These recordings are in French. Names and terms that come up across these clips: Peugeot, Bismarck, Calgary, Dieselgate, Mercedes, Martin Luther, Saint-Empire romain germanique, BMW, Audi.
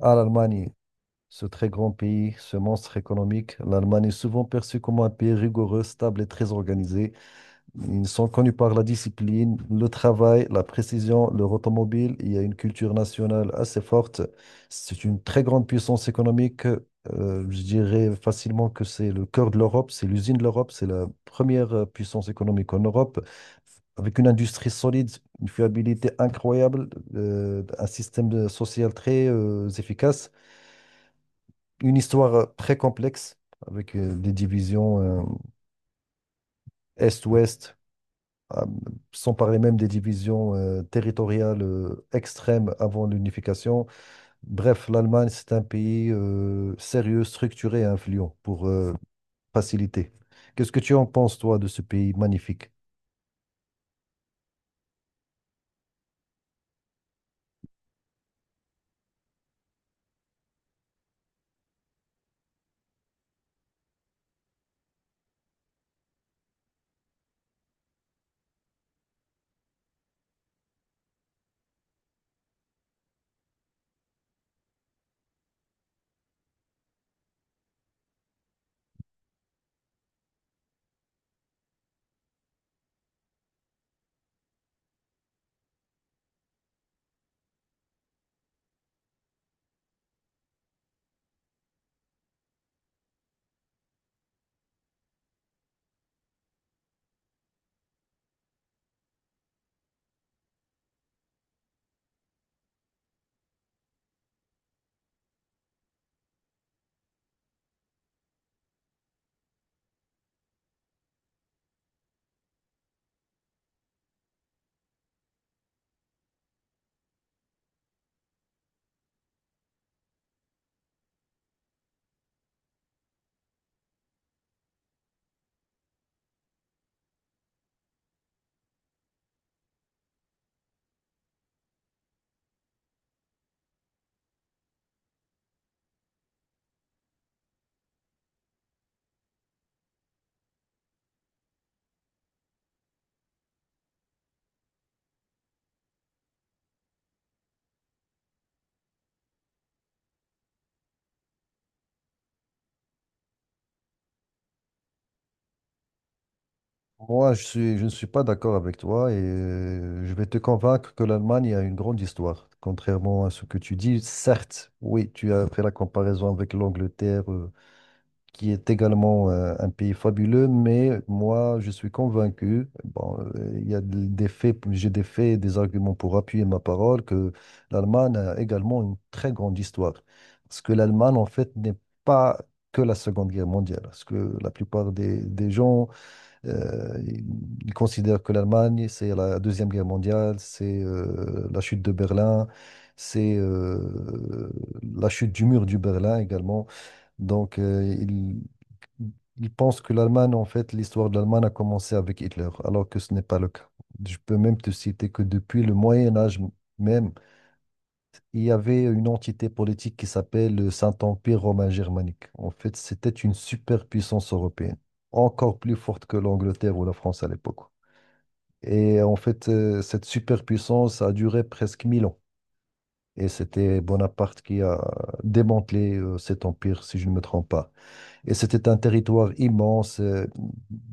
À l'Allemagne. Ce très grand pays, ce monstre économique, l'Allemagne est souvent perçue comme un pays rigoureux, stable et très organisé. Ils sont connus par la discipline, le travail, la précision, leur automobile. Il y a une culture nationale assez forte. C'est une très grande puissance économique. Je dirais facilement que c'est le cœur de l'Europe, c'est l'usine de l'Europe, c'est la première puissance économique en Europe, avec une industrie solide, une fiabilité incroyable, un système social très efficace, une histoire très complexe avec des divisions Est-Ouest, euh, sans parler même des divisions territoriales extrêmes avant l'unification. Bref, l'Allemagne, c'est un pays sérieux, structuré et influent pour faciliter. Qu'est-ce que tu en penses, toi, de ce pays magnifique? Moi, je ne suis pas d'accord avec toi et je vais te convaincre que l'Allemagne a une grande histoire. Contrairement à ce que tu dis, certes, oui, tu as fait la comparaison avec l'Angleterre, qui est également un pays fabuleux, mais moi, je suis convaincu, bon, il y a de- des faits, j'ai des faits et des arguments pour appuyer ma parole, que l'Allemagne a également une très grande histoire. Parce que l'Allemagne, en fait, n'est pas que la Seconde Guerre mondiale. Parce que la plupart des gens, euh, ils ils considèrent que l'Allemagne, c'est la Deuxième Guerre mondiale, c'est la chute de Berlin, c'est la chute du mur du Berlin également. Donc, ils pensent que l'Allemagne, en fait, l'histoire de l'Allemagne a commencé avec Hitler, alors que ce n'est pas le cas. Je peux même te citer que depuis le Moyen Âge même, il y avait une entité politique qui s'appelle le Saint-Empire romain germanique. En fait, c'était une superpuissance européenne, encore plus forte que l'Angleterre ou la France à l'époque. Et en fait, cette superpuissance a duré presque 1 000 ans. Et c'était Bonaparte qui a démantelé cet empire, si je ne me trompe pas. Et c'était un territoire immense,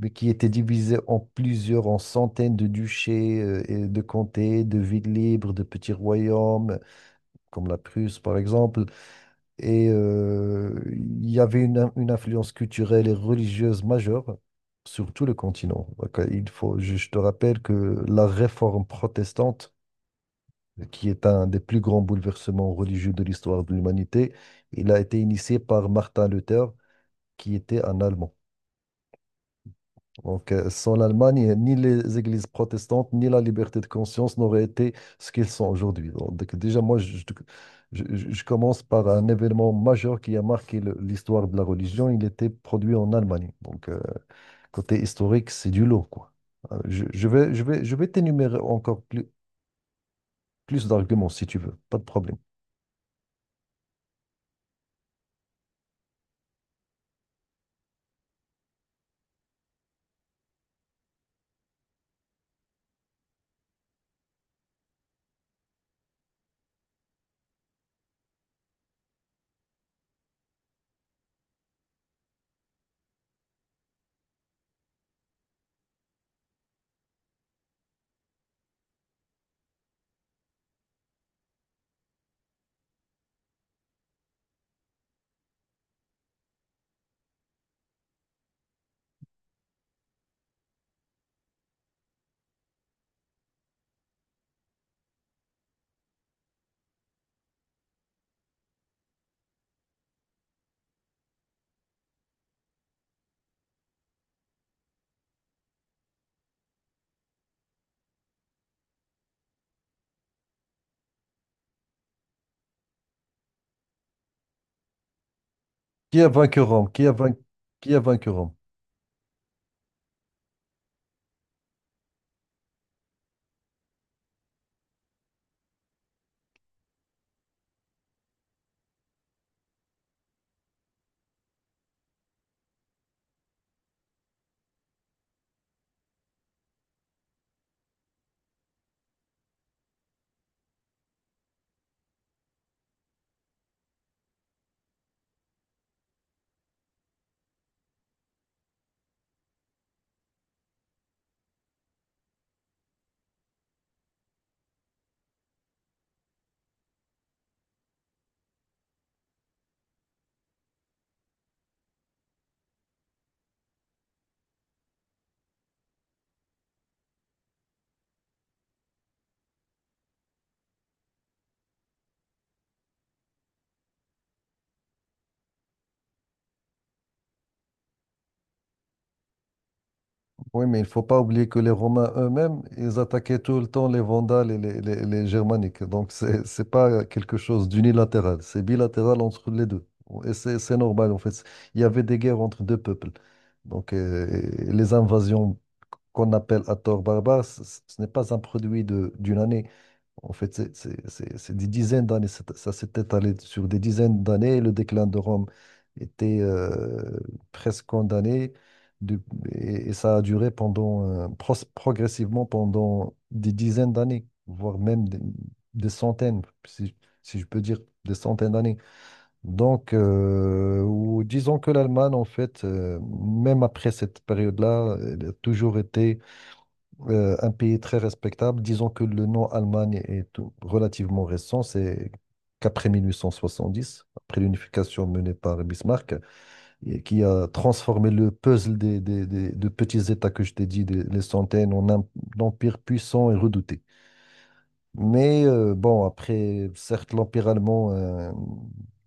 mais qui était divisé en plusieurs, en centaines de duchés, et de comtés, de villes libres, de petits royaumes, comme la Prusse par exemple. Et il y avait une influence culturelle et religieuse majeure sur tout le continent. Donc, il faut, je te rappelle que la réforme protestante, qui est un des plus grands bouleversements religieux de l'histoire de l'humanité, il a été initié par Martin Luther, qui était un Allemand. Donc, sans l'Allemagne, ni les églises protestantes, ni la liberté de conscience n'auraient été ce qu'ils sont aujourd'hui. Donc, déjà, moi, je commence par un événement majeur qui a marqué l'histoire de la religion. Il était produit en Allemagne. Donc, côté historique, c'est du lot, quoi. Je vais t'énumérer encore plus d'arguments si tu veux. Pas de problème. Qui a vaincu Rome? Qui a vaincu Rome? Oui, mais il ne faut pas oublier que les Romains eux-mêmes, ils attaquaient tout le temps les Vandales et les Germaniques. Donc, c'est n'est pas quelque chose d'unilatéral, c'est bilatéral entre les deux. Et c'est normal, en fait. Il y avait des guerres entre deux peuples. Donc, les invasions qu'on appelle à tort barbares, ce n'est pas un produit d'une année. En fait, c'est des dizaines d'années. Ça s'est étalé sur des dizaines d'années. Le déclin de Rome était presque condamné. du- et ça a duré pendant, progressivement pendant des dizaines d'années, voire même des centaines, si je peux dire des centaines d'années. Donc, ou disons que l'Allemagne, en fait, même après cette période-là, elle a toujours été un pays très respectable. Disons que le nom Allemagne est relativement récent, c'est qu'après 1870, après l'unification menée par Bismarck, et qui a transformé le puzzle de petits États que je t'ai dit, des, les centaines, en un empire puissant et redouté. Mais bon, après, certes, l'empire allemand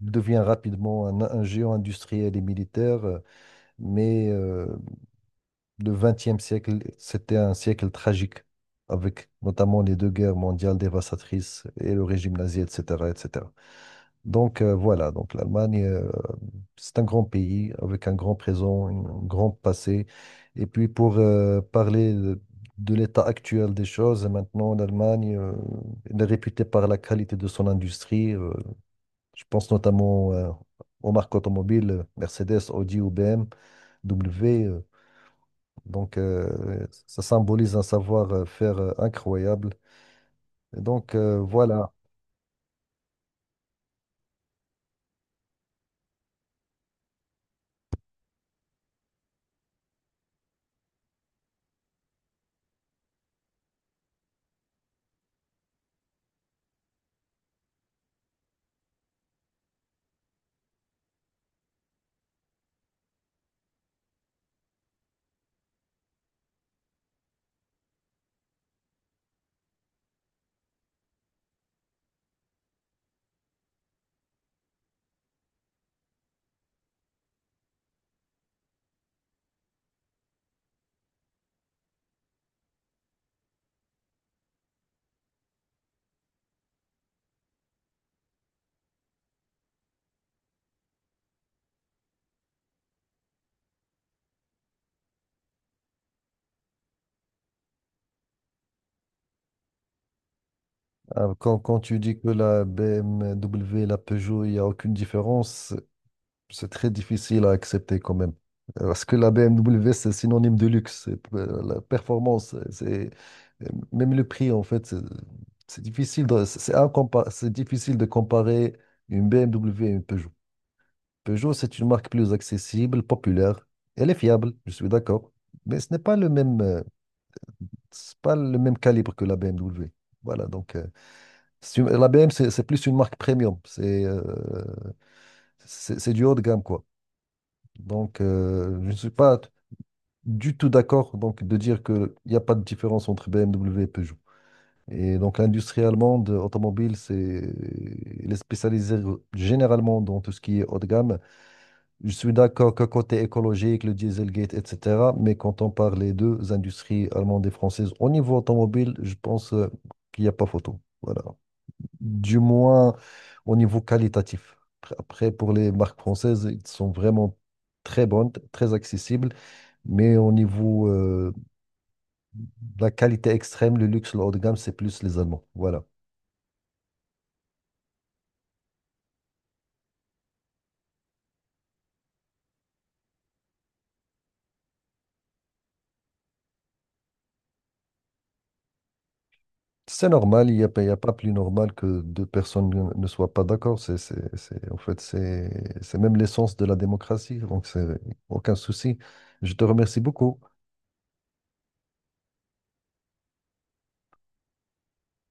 devient rapidement un géant industriel et militaire, mais euh, le XXe siècle, c'était un siècle tragique, avec notamment les deux guerres mondiales dévastatrices et le régime nazi, etc., etc. Donc, voilà, donc l'Allemagne, c'est un grand pays avec un grand présent, un grand passé. Et puis pour parler de l'état actuel des choses, maintenant l'Allemagne elle est réputée par la qualité de son industrie. Je pense notamment aux marques automobiles, Mercedes, Audi ou BMW. Donc, ça symbolise un savoir-faire incroyable. Et donc, voilà. Quand tu dis que la BMW, la Peugeot, il n'y a aucune différence, c'est très difficile à accepter quand même. Parce que la BMW, c'est synonyme de luxe, c'est, la performance, c'est même le prix, en fait, c'est difficile c'est difficile de comparer une BMW et une Peugeot. Peugeot, c'est une marque plus accessible, populaire. Elle est fiable, je suis d'accord. Mais ce n'est pas le même, c'est pas le même calibre que la BMW. Voilà, donc la BMW, c'est plus une marque premium. C'est du haut de gamme, quoi. Donc, je ne suis pas du tout d'accord donc de dire qu'il n'y a pas de différence entre BMW et Peugeot. Et donc, l'industrie allemande automobile, c'est, elle est spécialisée généralement dans tout ce qui est haut de gamme. Je suis d'accord que côté écologique, le Dieselgate, etc. Mais quand on parle des deux industries allemandes et françaises au niveau automobile, je pense qu'il n'y a pas photo. Voilà. Du moins au niveau qualitatif. Après, après, pour les marques françaises, elles sont vraiment très bonnes, très accessibles. Mais au niveau de la qualité extrême, le luxe, le haut de gamme, c'est plus les Allemands. Voilà. C'est normal, il y a pas plus normal que deux personnes ne soient pas d'accord. En fait, c'est même l'essence de la démocratie, donc c'est aucun souci. Je te remercie beaucoup.